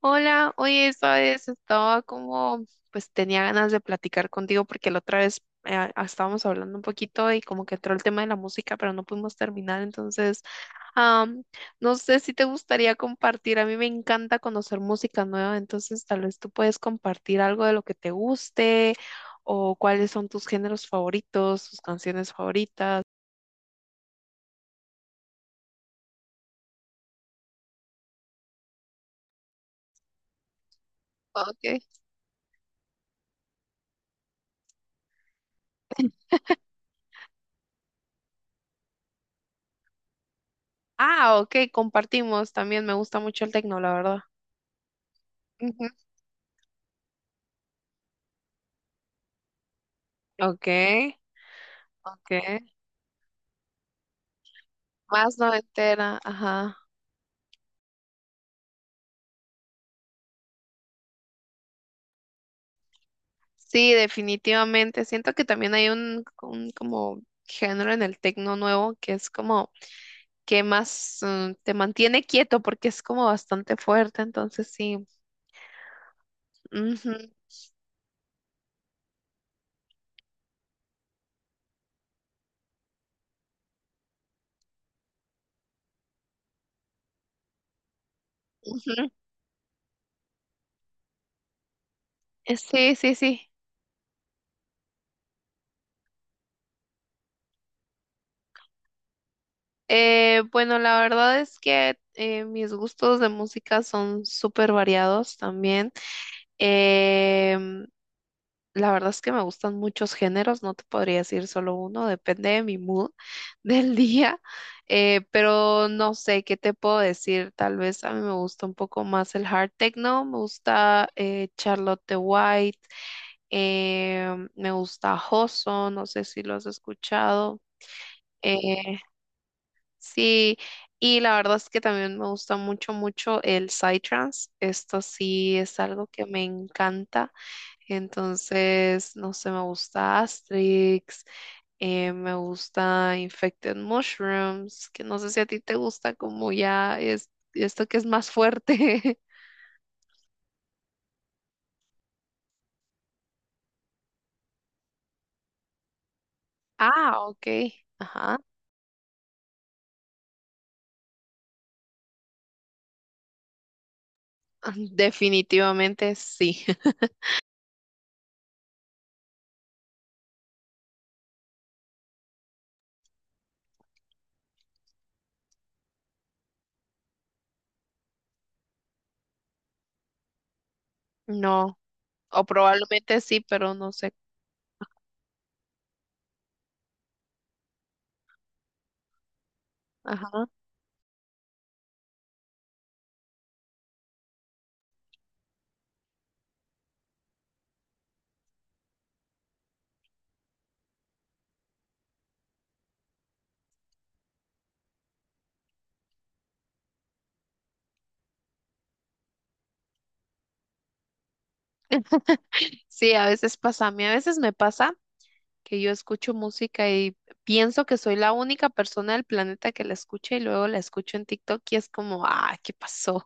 Hola, oye, esta vez estaba como, pues tenía ganas de platicar contigo porque la otra vez estábamos hablando un poquito y como que entró el tema de la música, pero no pudimos terminar, entonces, am, no sé si te gustaría compartir, a mí me encanta conocer música nueva, entonces tal vez tú puedes compartir algo de lo que te guste o cuáles son tus géneros favoritos, tus canciones favoritas. Okay. Ah, ok, compartimos, también me gusta mucho el tecno, la verdad. Ujú. Ok, ok. Más noventera, ajá. Sí, definitivamente. Siento que también hay un como género en el tecno nuevo que es como que más te mantiene quieto porque es como bastante fuerte, entonces sí. Ujú, ujú. Sí, sí, sí. Bueno, la verdad es que mis gustos de música son súper variados también. Em, La verdad es que me gustan muchos géneros, no te podría decir solo uno, depende de mi mood del día, pero no sé qué te puedo decir. Tal vez a mí me gusta un poco más el hard techno, me gusta Charlotte the White, me gusta Hoso, no sé si lo has escuchado. eh, sí, y la verdad es que también me gusta mucho, mucho el psytrance. Esto sí es algo que me encanta. Entonces, no sé, me gusta Asterix, me gusta Infected Mushrooms, que no sé si a ti te gusta como ya es esto que es más fuerte. Ah, ok. Ajá. Definitivamente sí. No, o probablemente sí, pero no sé. Ajá. Sí, a veces pasa, a mí a veces me pasa que yo escucho música y pienso que soy la única persona del planeta que la escucha y luego la escucho en TikTok y es como, ah, ¿qué pasó?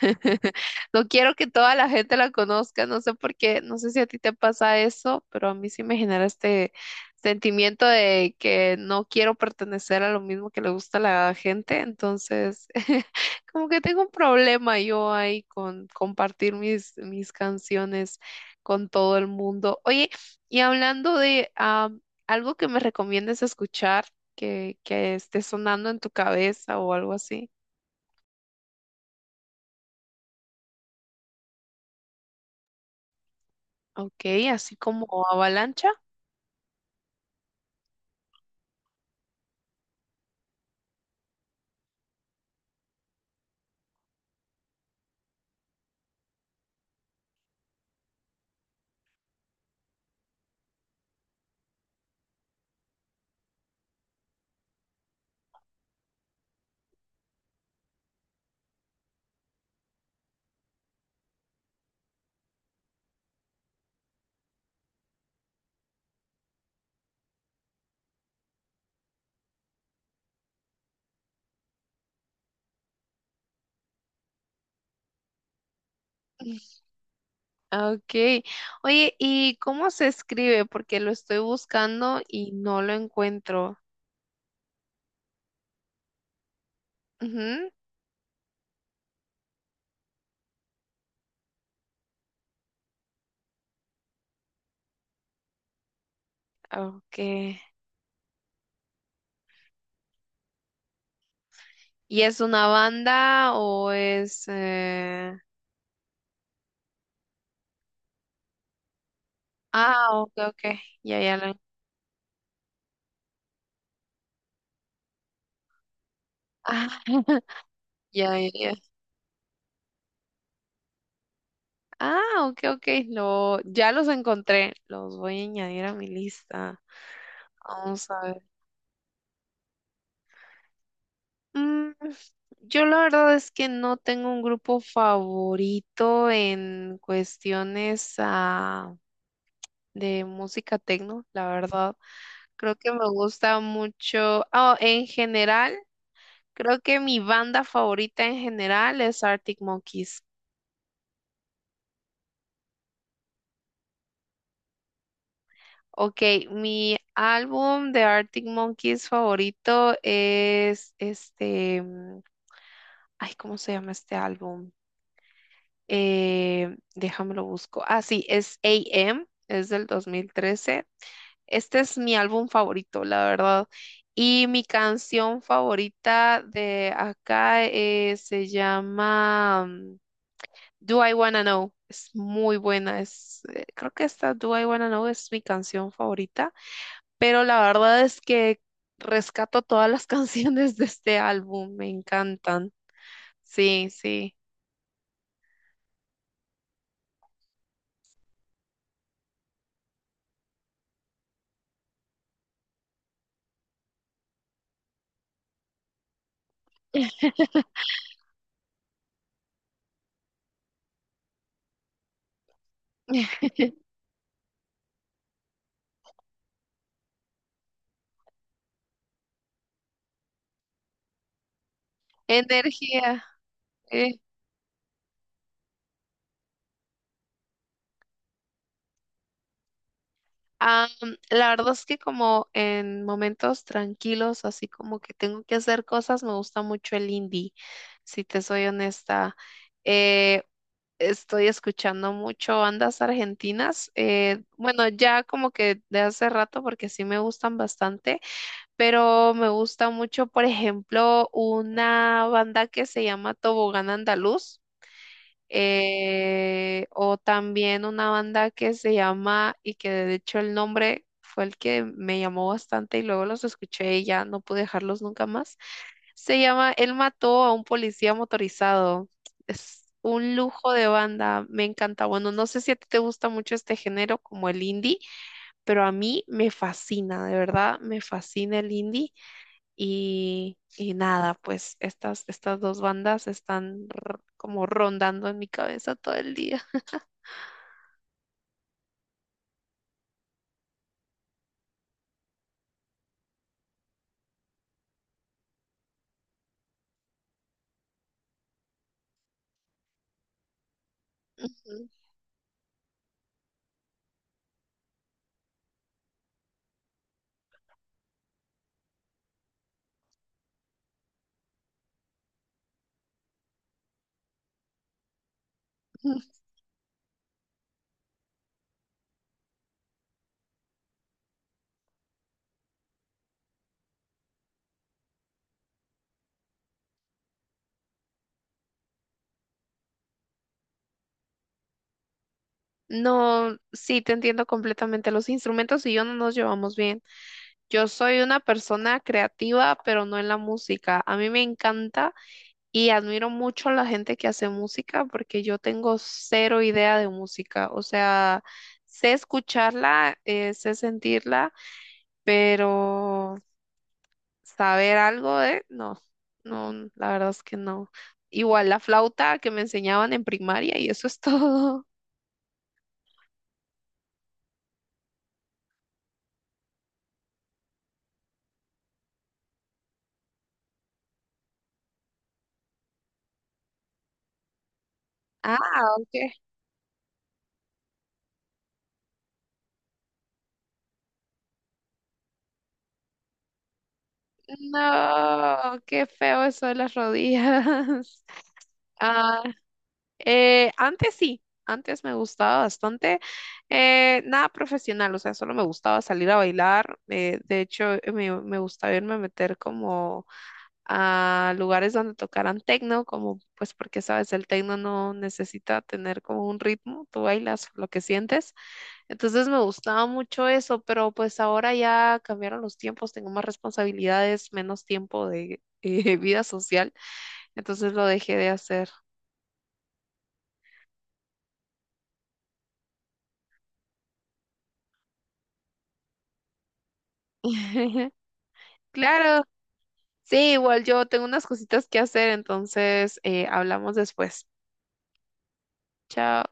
No quiero que toda la gente la conozca, no sé por qué, no sé si a ti te pasa eso, pero a mí sí me genera este sentimiento de que no quiero pertenecer a lo mismo que le gusta a la gente, entonces como que tengo un problema yo ahí con compartir mis canciones con todo el mundo. Oye, y hablando de algo que me recomiendes escuchar, que esté sonando en tu cabeza o algo así. Ok, así como avalancha. Ah, ok. Oye, ¿y cómo se escribe? Porque lo estoy buscando y no lo encuentro. Ujú, ah, ok. ¿Y es una banda o es... Ah, ok, ok. Ya, ya lo... Ah, ya, ya, ya. Ah, ok, ok. Lo, ya los encontré. Los voy a añadir a mi lista. Vamos a ver. Mm, yo la verdad es que no tengo un grupo favorito en cuestiones de música techno, la verdad. Creo que me gusta mucho. En general, creo que mi banda favorita en general es Arctic Monkeys. Ok, mi álbum de Arctic Monkeys favorito es este, ay, ¿cómo se llama este álbum? Déjame lo busco. Ah, sí, es AM, es del 2013. Este es mi álbum favorito, la verdad. Y mi canción favorita de acá se llama Do I Wanna Know. Es muy buena, creo que esta Do I Wanna Know es mi canción favorita. Pero la verdad es que rescato todas las canciones de este álbum, me encantan. Sí, sí. Energía. Eh. Am, la verdad es que como en momentos tranquilos, así como que tengo que hacer cosas, me gusta mucho el indie, si te soy honesta. Eh, Estoy escuchando mucho bandas argentinas. Bueno, ya como que de hace rato, porque sí me gustan bastante. Pero me gusta mucho, por ejemplo, una banda que se llama Tobogán Andaluz, o también una banda que se llama, y que de hecho el nombre fue el que me llamó bastante y luego los escuché y ya no pude dejarlos nunca más. Se llama Él mató a un policía motorizado. Es un lujo de banda, me encanta. Bueno, no sé si a ti te gusta mucho este género como el indie, pero a mí me fascina, de verdad, me fascina el indie. Y nada, pues estas dos bandas están como rondando en mi cabeza todo el día. Ujú. No, sí, te entiendo completamente. Los instrumentos y yo no nos llevamos bien. Yo soy una persona creativa, pero no en la música. A mí me encanta y admiro mucho a la gente que hace música porque yo tengo cero idea de música. O sea, sé escucharla, sé sentirla, pero saber algo de, no, no, la verdad es que no. Igual la flauta que me enseñaban en primaria y eso es todo. Ah, ok. No, qué feo eso de las rodillas. Ah, antes sí, antes me gustaba bastante. Nada profesional, o sea, solo me gustaba salir a bailar. De hecho, me gustaba irme a meter como a lugares donde tocaran tecno, como pues porque sabes, el tecno no necesita tener como un ritmo, tú bailas lo que sientes. Entonces me gustaba mucho eso, pero pues ahora ya cambiaron los tiempos, tengo más responsabilidades, menos tiempo de vida social, entonces lo dejé de hacer. Claro, sí, igual yo tengo unas cositas que hacer, entonces hablamos después. Chao.